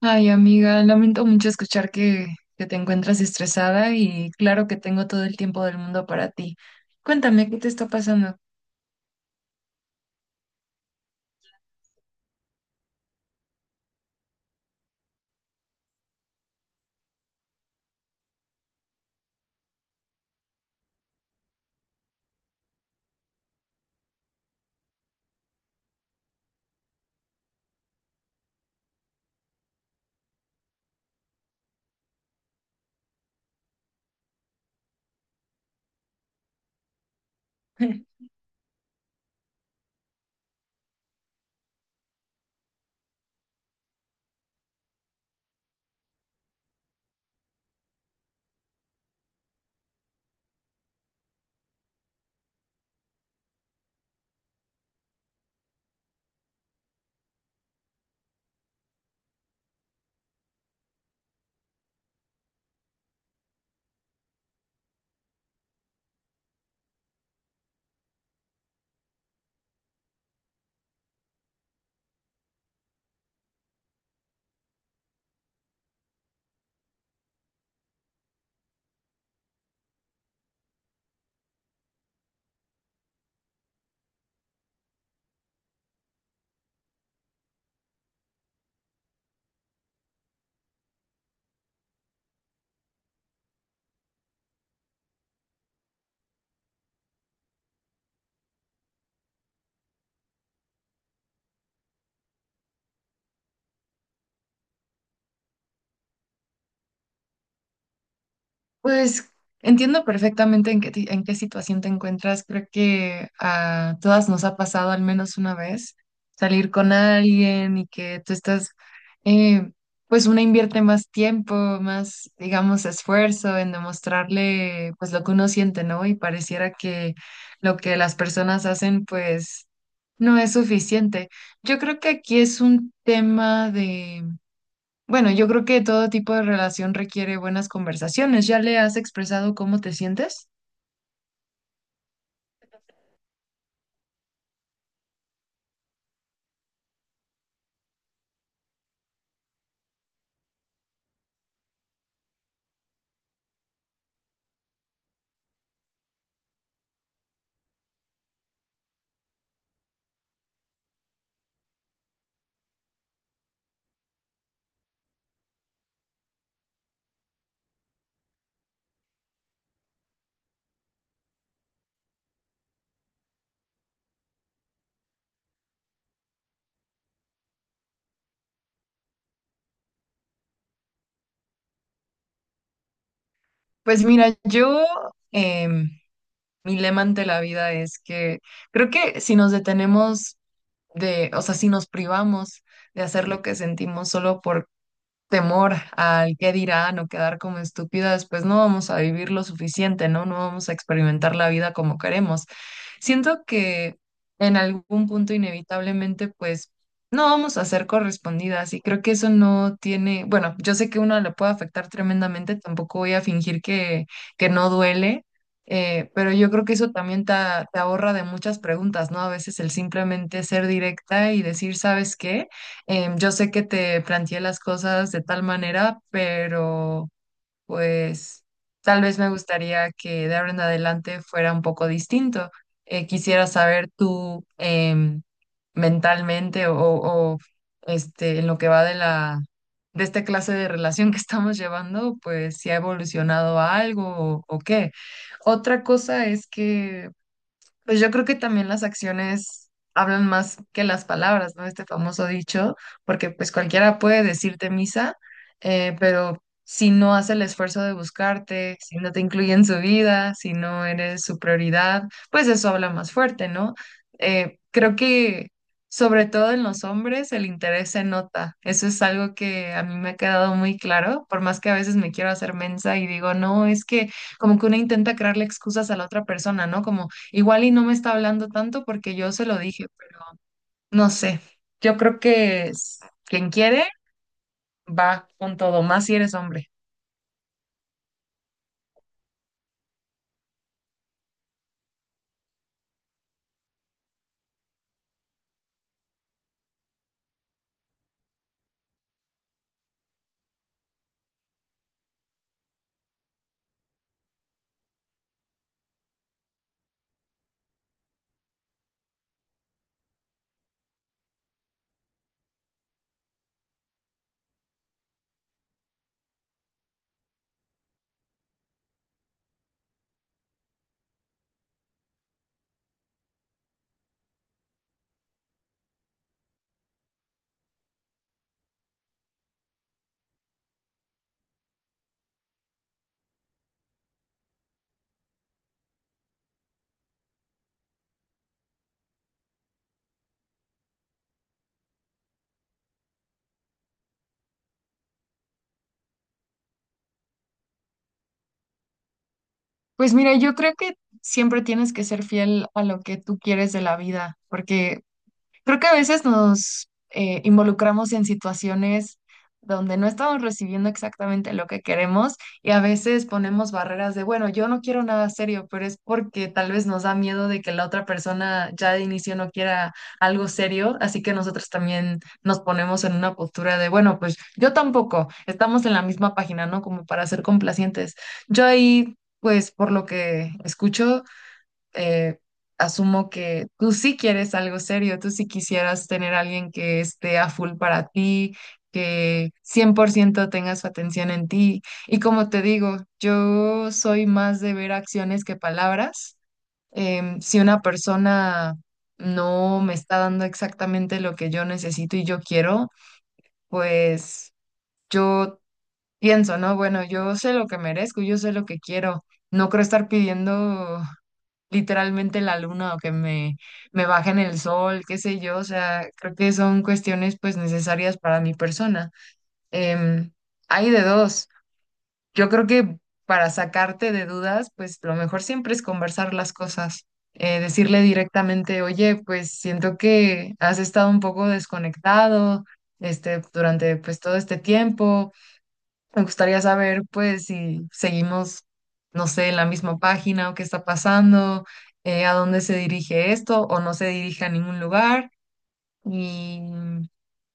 Ay, amiga, lamento mucho escuchar que te encuentras estresada, y claro que tengo todo el tiempo del mundo para ti. Cuéntame, ¿qué te está pasando? Pues entiendo perfectamente en en qué situación te encuentras. Creo que a todas nos ha pasado al menos una vez salir con alguien y que tú estás, eh, pues una invierte más tiempo, más, digamos, esfuerzo en demostrarle pues lo que uno siente, ¿no? Y pareciera que lo que las personas hacen pues no es suficiente. Yo creo que aquí es un tema bueno, yo creo que todo tipo de relación requiere buenas conversaciones. ¿Ya le has expresado cómo te sientes? Pues mira, yo, em, mi lema ante la vida es que creo que si nos detenemos de, o sea, si nos privamos de hacer lo que sentimos solo por temor al qué dirán o quedar como estúpidas, pues no vamos a vivir lo suficiente, ¿no? No vamos a experimentar la vida como queremos. Siento que en algún punto inevitablemente, pues, no vamos a ser correspondidas, y creo que eso no tiene, bueno, yo sé que uno le puede afectar tremendamente, tampoco voy a fingir que no duele, pero yo creo que eso también te ahorra de muchas preguntas, ¿no? A veces el simplemente ser directa y decir, ¿sabes qué? Yo sé que te planteé las cosas de tal manera, pero pues tal vez me gustaría que de ahora en adelante fuera un poco distinto. Quisiera saber tú mentalmente este, en lo que va de de esta clase de relación que estamos llevando, pues si ha evolucionado a algo o qué. Otra cosa es que pues yo creo que también las acciones hablan más que las palabras, ¿no? Este famoso dicho, porque pues cualquiera puede decirte misa, pero si no hace el esfuerzo de buscarte, si no te incluye en su vida, si no eres su prioridad, pues eso habla más fuerte, ¿no? Creo que sobre todo en los hombres el interés se nota. Eso es algo que a mí me ha quedado muy claro, por más que a veces me quiero hacer mensa y digo, no, es que como que uno intenta crearle excusas a la otra persona, ¿no? Como igual y no me está hablando tanto porque yo se lo dije, pero no sé. Yo creo que quien quiere va con todo, más si eres hombre. Pues mira, yo creo que siempre tienes que ser fiel a lo que tú quieres de la vida, porque creo que a veces nos involucramos en situaciones donde no estamos recibiendo exactamente lo que queremos, y a veces ponemos barreras de, bueno, yo no quiero nada serio, pero es porque tal vez nos da miedo de que la otra persona ya de inicio no quiera algo serio, así que nosotros también nos ponemos en una postura de, bueno, pues yo tampoco, estamos en la misma página, ¿no? Como para ser complacientes. Yo ahí, pues por lo que escucho, eh, asumo que tú sí quieres algo serio, tú sí quisieras tener a alguien que esté a full para ti, que 100% tenga su atención en ti. Y como te digo, yo soy más de ver acciones que palabras. Si una persona no me está dando exactamente lo que yo necesito y yo quiero, pues yo pienso, ¿no? Bueno, yo sé lo que merezco, yo sé lo que quiero. No creo estar pidiendo literalmente la luna o que me bajen el sol, qué sé yo, o sea, creo que son cuestiones pues necesarias para mi persona. Em, Hay de dos. Yo creo que para sacarte de dudas, pues lo mejor siempre es conversar las cosas. Decirle directamente, oye, pues siento que has estado un poco desconectado, este, durante pues todo este tiempo me gustaría saber, pues, si seguimos, no sé, en la misma página o qué está pasando, a dónde se dirige esto o no se dirige a ningún lugar. Y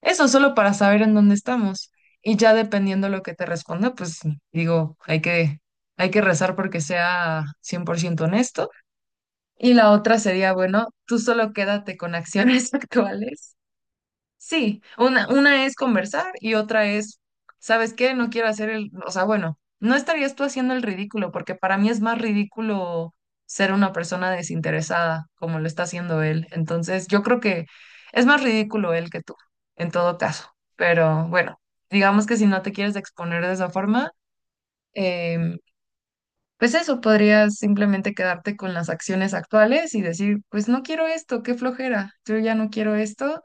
eso solo para saber en dónde estamos. Y ya dependiendo lo que te responda, pues digo, hay que rezar porque sea 100% honesto. Y la otra sería, bueno, tú solo quédate con acciones actuales. Sí, una es conversar y otra es, ¿sabes qué? No quiero hacer el, o sea, bueno, no estarías tú haciendo el ridículo, porque para mí es más ridículo ser una persona desinteresada como lo está haciendo él. Entonces, yo creo que es más ridículo él que tú, en todo caso. Pero bueno, digamos que si no te quieres exponer de esa forma, em, pues eso, podrías simplemente quedarte con las acciones actuales y decir, pues no quiero esto, qué flojera, yo ya no quiero esto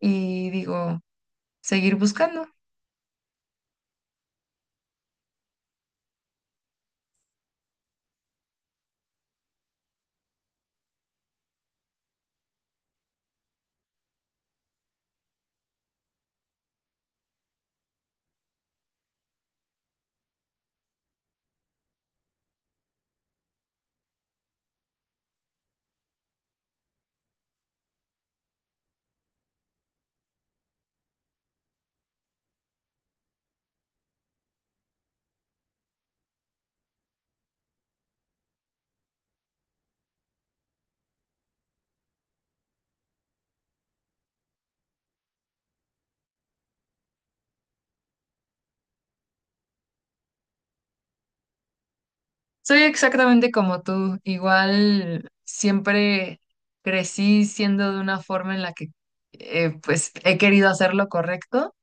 y digo, seguir buscando. Soy exactamente como tú, igual siempre crecí siendo de una forma en la que pues he querido hacer lo correcto.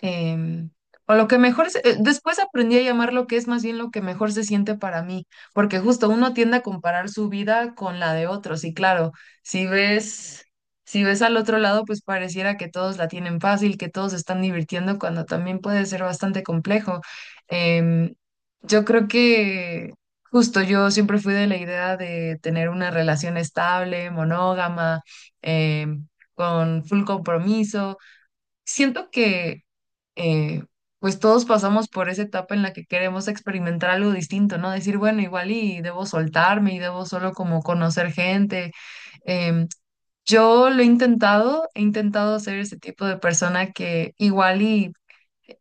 em, o lo que mejor, después aprendí a llamar lo que es más bien lo que mejor se siente para mí, porque justo uno tiende a comparar su vida con la de otros y claro, si ves, si ves al otro lado, pues pareciera que todos la tienen fácil, que todos se están divirtiendo, cuando también puede ser bastante complejo. Em, yo creo que justo yo siempre fui de la idea de tener una relación estable, monógama, em, con full compromiso. Siento que eh, pues todos pasamos por esa etapa en la que queremos experimentar algo distinto, ¿no? Decir, bueno, igual y debo soltarme y debo solo como conocer gente. Em, yo lo he intentado ser ese tipo de persona que igual y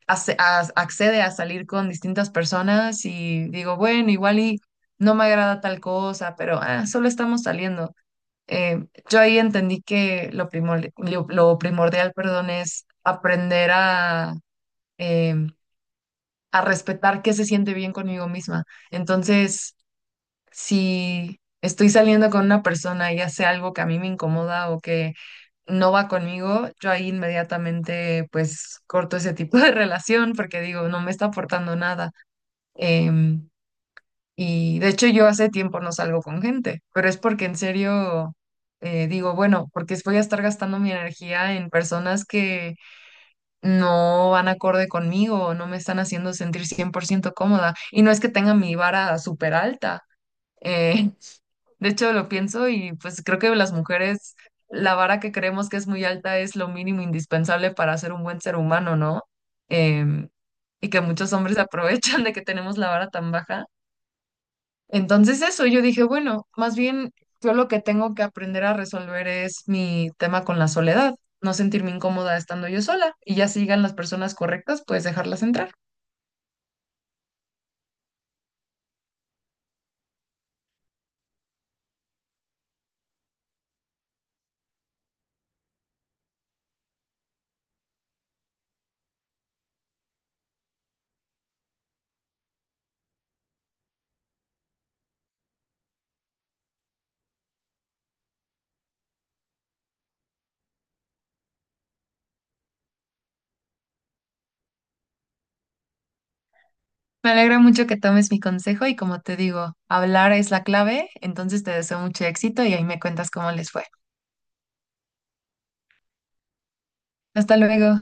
accede a salir con distintas personas y digo, bueno, igual y no me agrada tal cosa, pero ah, solo estamos saliendo. Yo ahí entendí que lo primordial, lo primordial, perdón, es aprender a, em, a respetar qué se siente bien conmigo misma. Entonces, si estoy saliendo con una persona y hace algo que a mí me incomoda o que no va conmigo, yo ahí inmediatamente pues corto ese tipo de relación porque digo, no me está aportando nada. Em, y de hecho yo hace tiempo no salgo con gente, pero es porque en serio digo, bueno, porque voy a estar gastando mi energía en personas que no van acorde conmigo, no me están haciendo sentir 100% cómoda. Y no es que tenga mi vara súper alta. eh, de hecho, lo pienso y pues creo que las mujeres, la vara que creemos que es muy alta es lo mínimo indispensable para ser un buen ser humano, ¿no? Em, y que muchos hombres se aprovechan de que tenemos la vara tan baja, entonces eso, yo dije, bueno, más bien yo lo que tengo que aprender a resolver es mi tema con la soledad, no sentirme incómoda estando yo sola, y ya sigan las personas correctas, pues dejarlas entrar. Me alegra mucho que tomes mi consejo y como te digo, hablar es la clave, entonces te deseo mucho éxito y ahí me cuentas cómo les fue. Hasta luego.